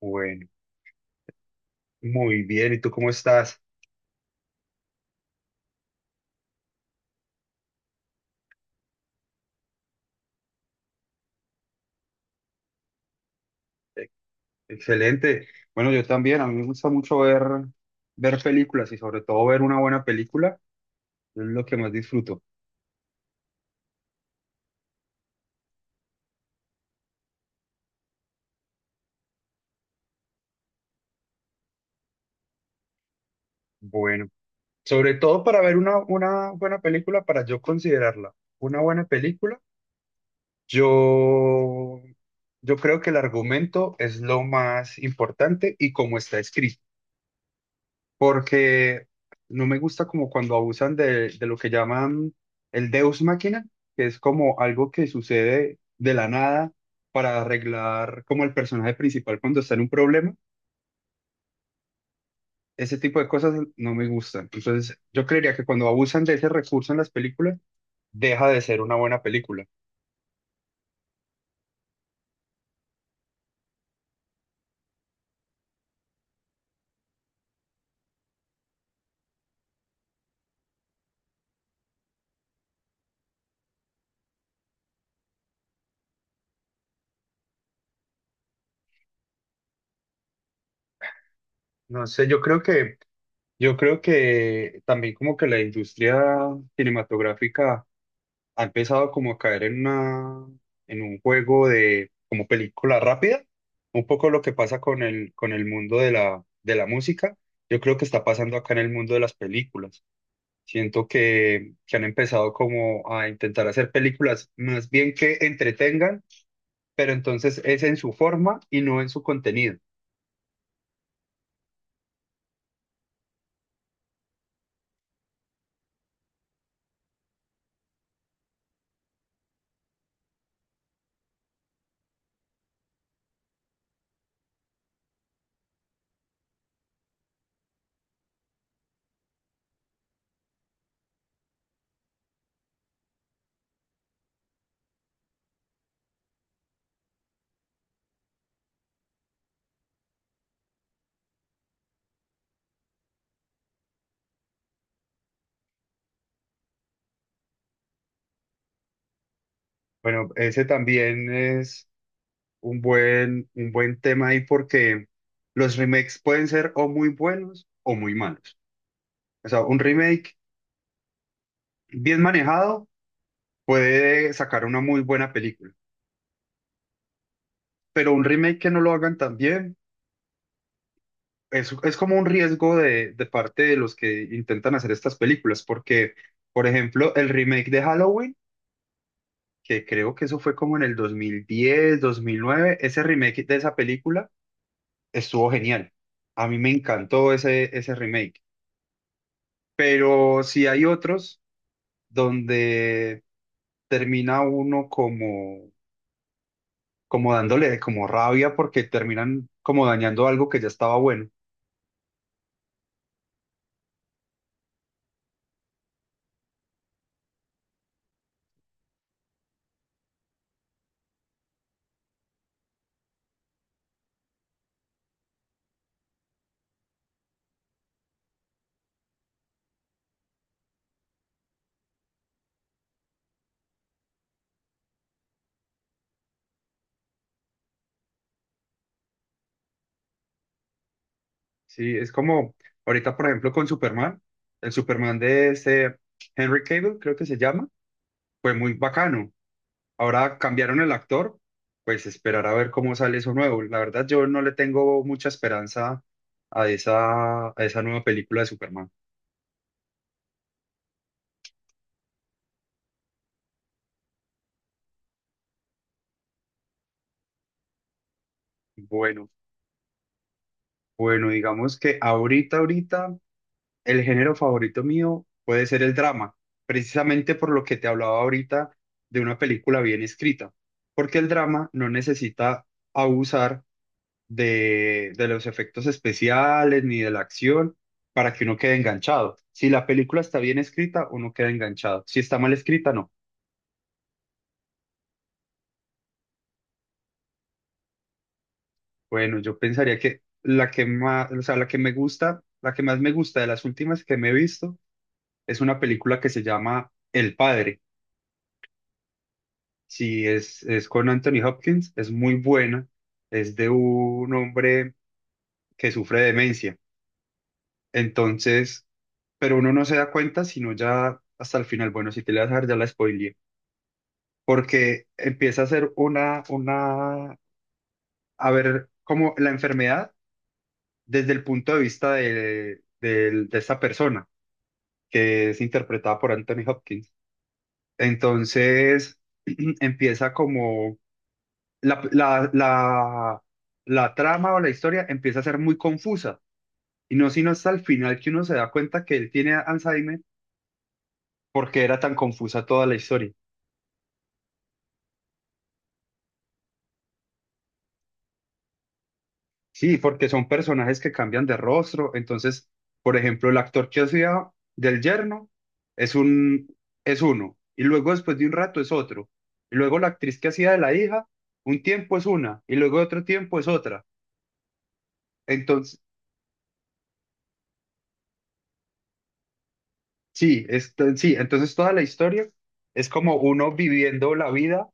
Bueno, muy bien. ¿Y tú cómo estás? Excelente. Bueno, yo también. A mí me gusta mucho ver películas y sobre todo ver una buena película. Es lo que más disfruto. Bueno, sobre todo para ver una buena película, para yo considerarla una buena película, yo, yo creo que el argumento es lo más importante y cómo está escrito, porque no me gusta como cuando abusan de lo que llaman el Deus máquina, que es como algo que sucede de la nada para arreglar como el personaje principal cuando está en un problema. Ese tipo de cosas no me gustan. Entonces, yo creería que cuando abusan de ese recurso en las películas, deja de ser una buena película. No sé, yo creo que también como que la industria cinematográfica ha empezado como a caer en en un juego de como película rápida, un poco lo que pasa con el mundo de la música. Yo creo que está pasando acá en el mundo de las películas. Siento que han empezado como a intentar hacer películas más bien que entretengan, pero entonces es en su forma y no en su contenido. Bueno, ese también es un buen tema ahí porque los remakes pueden ser o muy buenos o muy malos. O sea, un remake bien manejado puede sacar una muy buena película. Pero un remake que no lo hagan tan bien es como un riesgo de parte de los que intentan hacer estas películas, porque, por ejemplo, el remake de Halloween, que creo que eso fue como en el 2010, 2009. Ese remake de esa película estuvo genial. A mí me encantó ese remake. Pero si hay otros donde termina uno como como dándole como rabia porque terminan como dañando algo que ya estaba bueno. Sí, es como ahorita, por ejemplo, con Superman, el Superman de ese Henry Cable, creo que se llama, fue muy bacano. Ahora cambiaron el actor, pues esperar a ver cómo sale eso nuevo. La verdad, yo no le tengo mucha esperanza a esa nueva película de Superman. Bueno, bueno, digamos que ahorita, ahorita el género favorito mío puede ser el drama, precisamente por lo que te hablaba ahorita de una película bien escrita, porque el drama no necesita abusar de los efectos especiales ni de la acción para que uno quede enganchado. Si la película está bien escrita, uno queda enganchado. Si está mal escrita, no. Bueno, yo pensaría que la que más, o sea, la que me gusta, la que más me gusta de las últimas que me he visto es una película que se llama El Padre. Sí, es con Anthony Hopkins, es muy buena, es de un hombre que sufre demencia. Entonces, pero uno no se da cuenta sino ya hasta el final. Bueno, si te la vas a ver, ya la spoileé, porque empieza a ser a ver como la enfermedad desde el punto de vista de, de esta persona que es interpretada por Anthony Hopkins. Entonces, empieza como la, la, la, la trama o la historia empieza a ser muy confusa. Y no sino hasta el final que uno se da cuenta que él tiene Alzheimer porque era tan confusa toda la historia. Sí, porque son personajes que cambian de rostro. Entonces, por ejemplo, el actor que hacía del yerno es un, es uno. Y luego después de un rato es otro. Y luego la actriz que hacía de la hija, un tiempo es una. Y luego otro tiempo es otra. Entonces, sí, esto, sí, entonces toda la historia es como uno viviendo la vida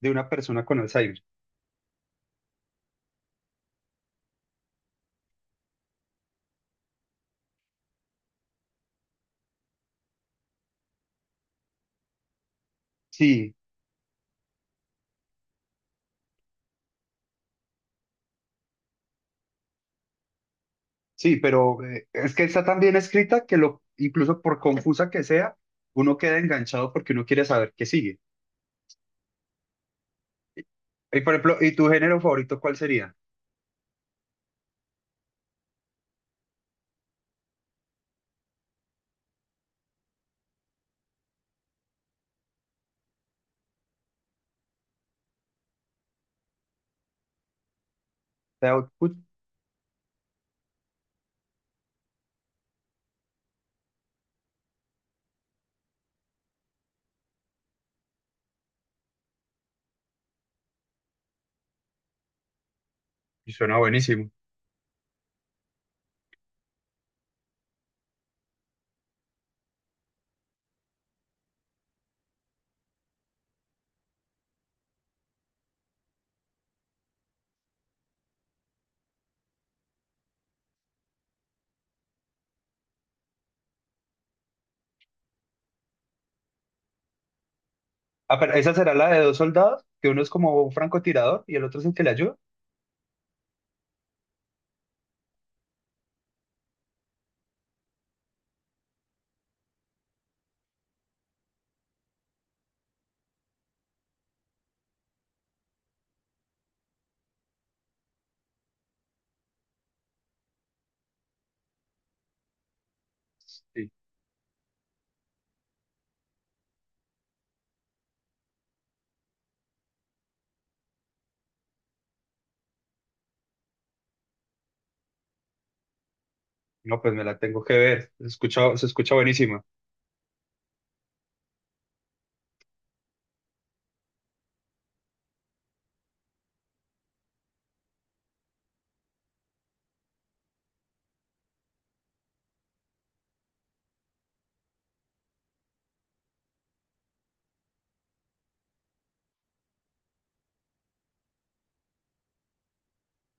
de una persona con Alzheimer. Sí, sí, pero es que está tan bien escrita que, lo, incluso por confusa que sea, uno queda enganchado porque uno quiere saber qué sigue. Y, por ejemplo, ¿y tu género favorito cuál sería? The Output. Y suena buenísimo. Ah, pero esa será la de dos soldados, que uno es como un francotirador y el otro es el que le ayuda. Sí. No, pues me la tengo que ver. Se escucha buenísima.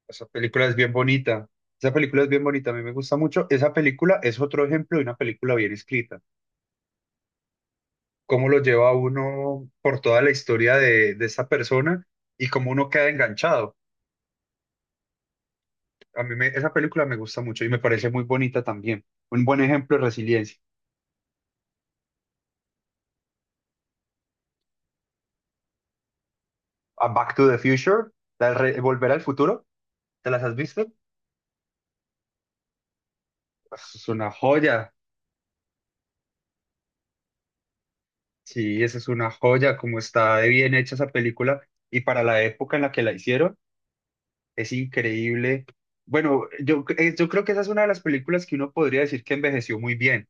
Esa película es bien bonita. Esa película es bien bonita, a mí me gusta mucho. Esa película es otro ejemplo de una película bien escrita. Cómo lo lleva a uno por toda la historia de esa persona y cómo uno queda enganchado. A mí me- esa película me gusta mucho y me parece muy bonita también. Un buen ejemplo de resiliencia. A Back to the Future, la de re- Volver al Futuro, ¿te las has visto? Eso es una joya. Sí, esa es una joya, cómo está de bien hecha esa película y para la época en la que la hicieron es increíble. Bueno, yo, yo creo que esa es una de las películas que uno podría decir que envejeció muy bien.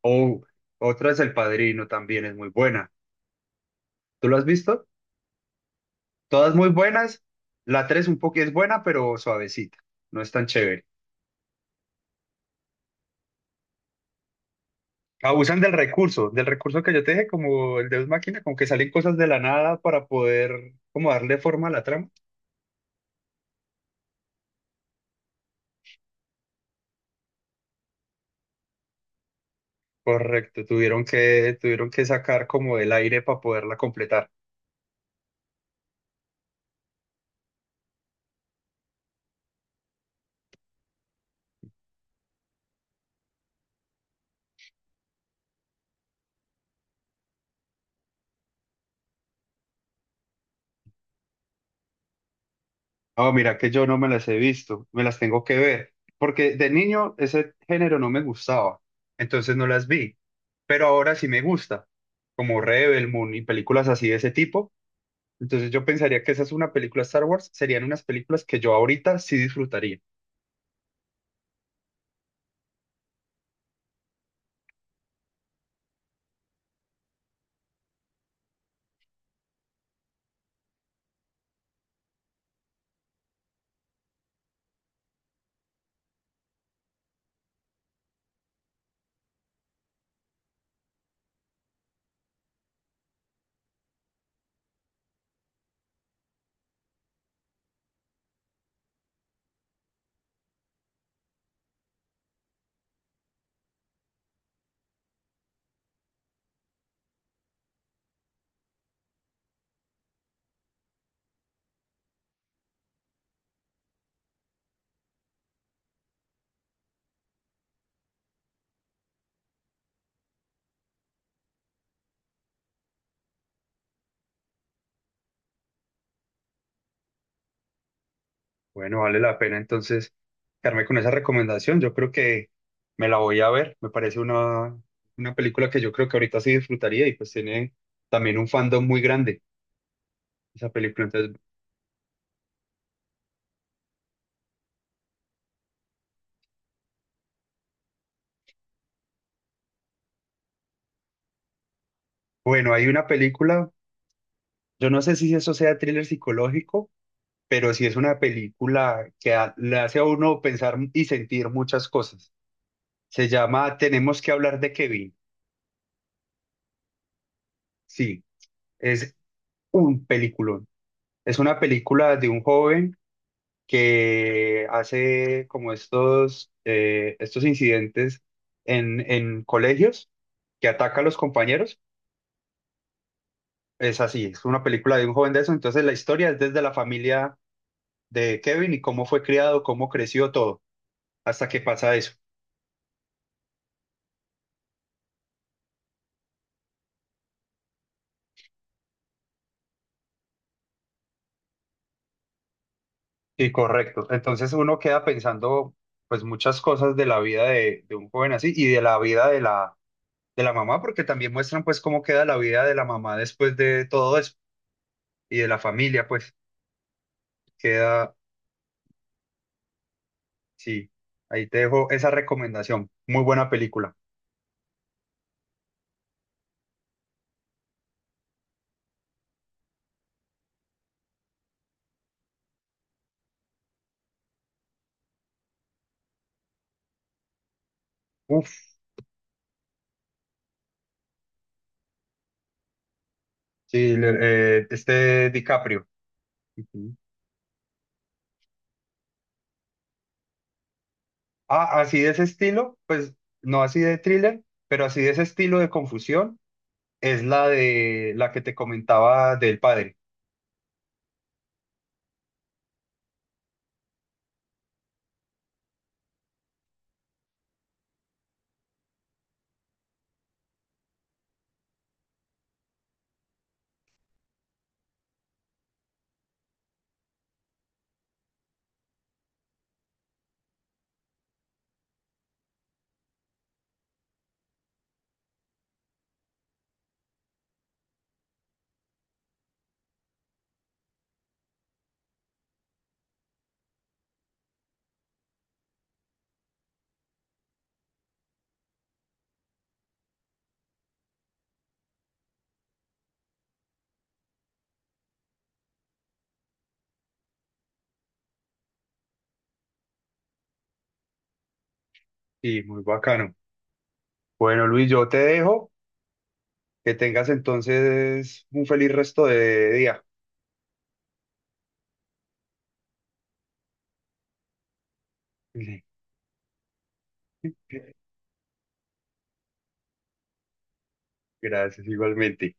O otra es El Padrino, también es muy buena. ¿Tú lo has visto? Todas muy buenas. La tres un poco es buena, pero suavecita. No es tan chévere. Abusan del recurso que yo te dije, como el Deus Máquina, como que salen cosas de la nada para poder como darle forma a la trama. Correcto, tuvieron que sacar como del aire para poderla completar. Oh, mira que yo no me las he visto, me las tengo que ver, porque de niño ese género no me gustaba, entonces no las vi, pero ahora sí me gusta, como Rebel Moon y películas así de ese tipo, entonces yo pensaría que esa es una película Star Wars, serían unas películas que yo ahorita sí disfrutaría. Bueno, vale la pena entonces quedarme con esa recomendación, yo creo que me la voy a ver, me parece una película que yo creo que ahorita sí disfrutaría y pues tiene también un fandom muy grande esa película, entonces... Bueno, hay una película. Yo no sé si eso sea thriller psicológico, pero sí es una película que a- le hace a uno pensar y sentir muchas cosas. Se llama Tenemos que hablar de Kevin. Sí, es un peliculón. Es una película de un joven que hace como estos, estos incidentes en colegios, que ataca a los compañeros. Es así, es una película de un joven de eso. Entonces la historia es desde la familia de Kevin y cómo fue criado, cómo creció todo, hasta que pasa eso. Sí, correcto. Entonces uno queda pensando pues muchas cosas de la vida de un joven así y de la vida de la mamá, porque también muestran pues cómo queda la vida de la mamá después de todo eso y de la familia, pues queda, sí, ahí te dejo esa recomendación. Muy buena película. Uf, sí, este DiCaprio. Ujú. Ah, así de ese estilo, pues no así de thriller, pero así de ese estilo de confusión es la de la que te comentaba del padre. Sí, muy bacano. Bueno, Luis, yo te dejo. Que tengas entonces un feliz resto de día. Gracias, igualmente.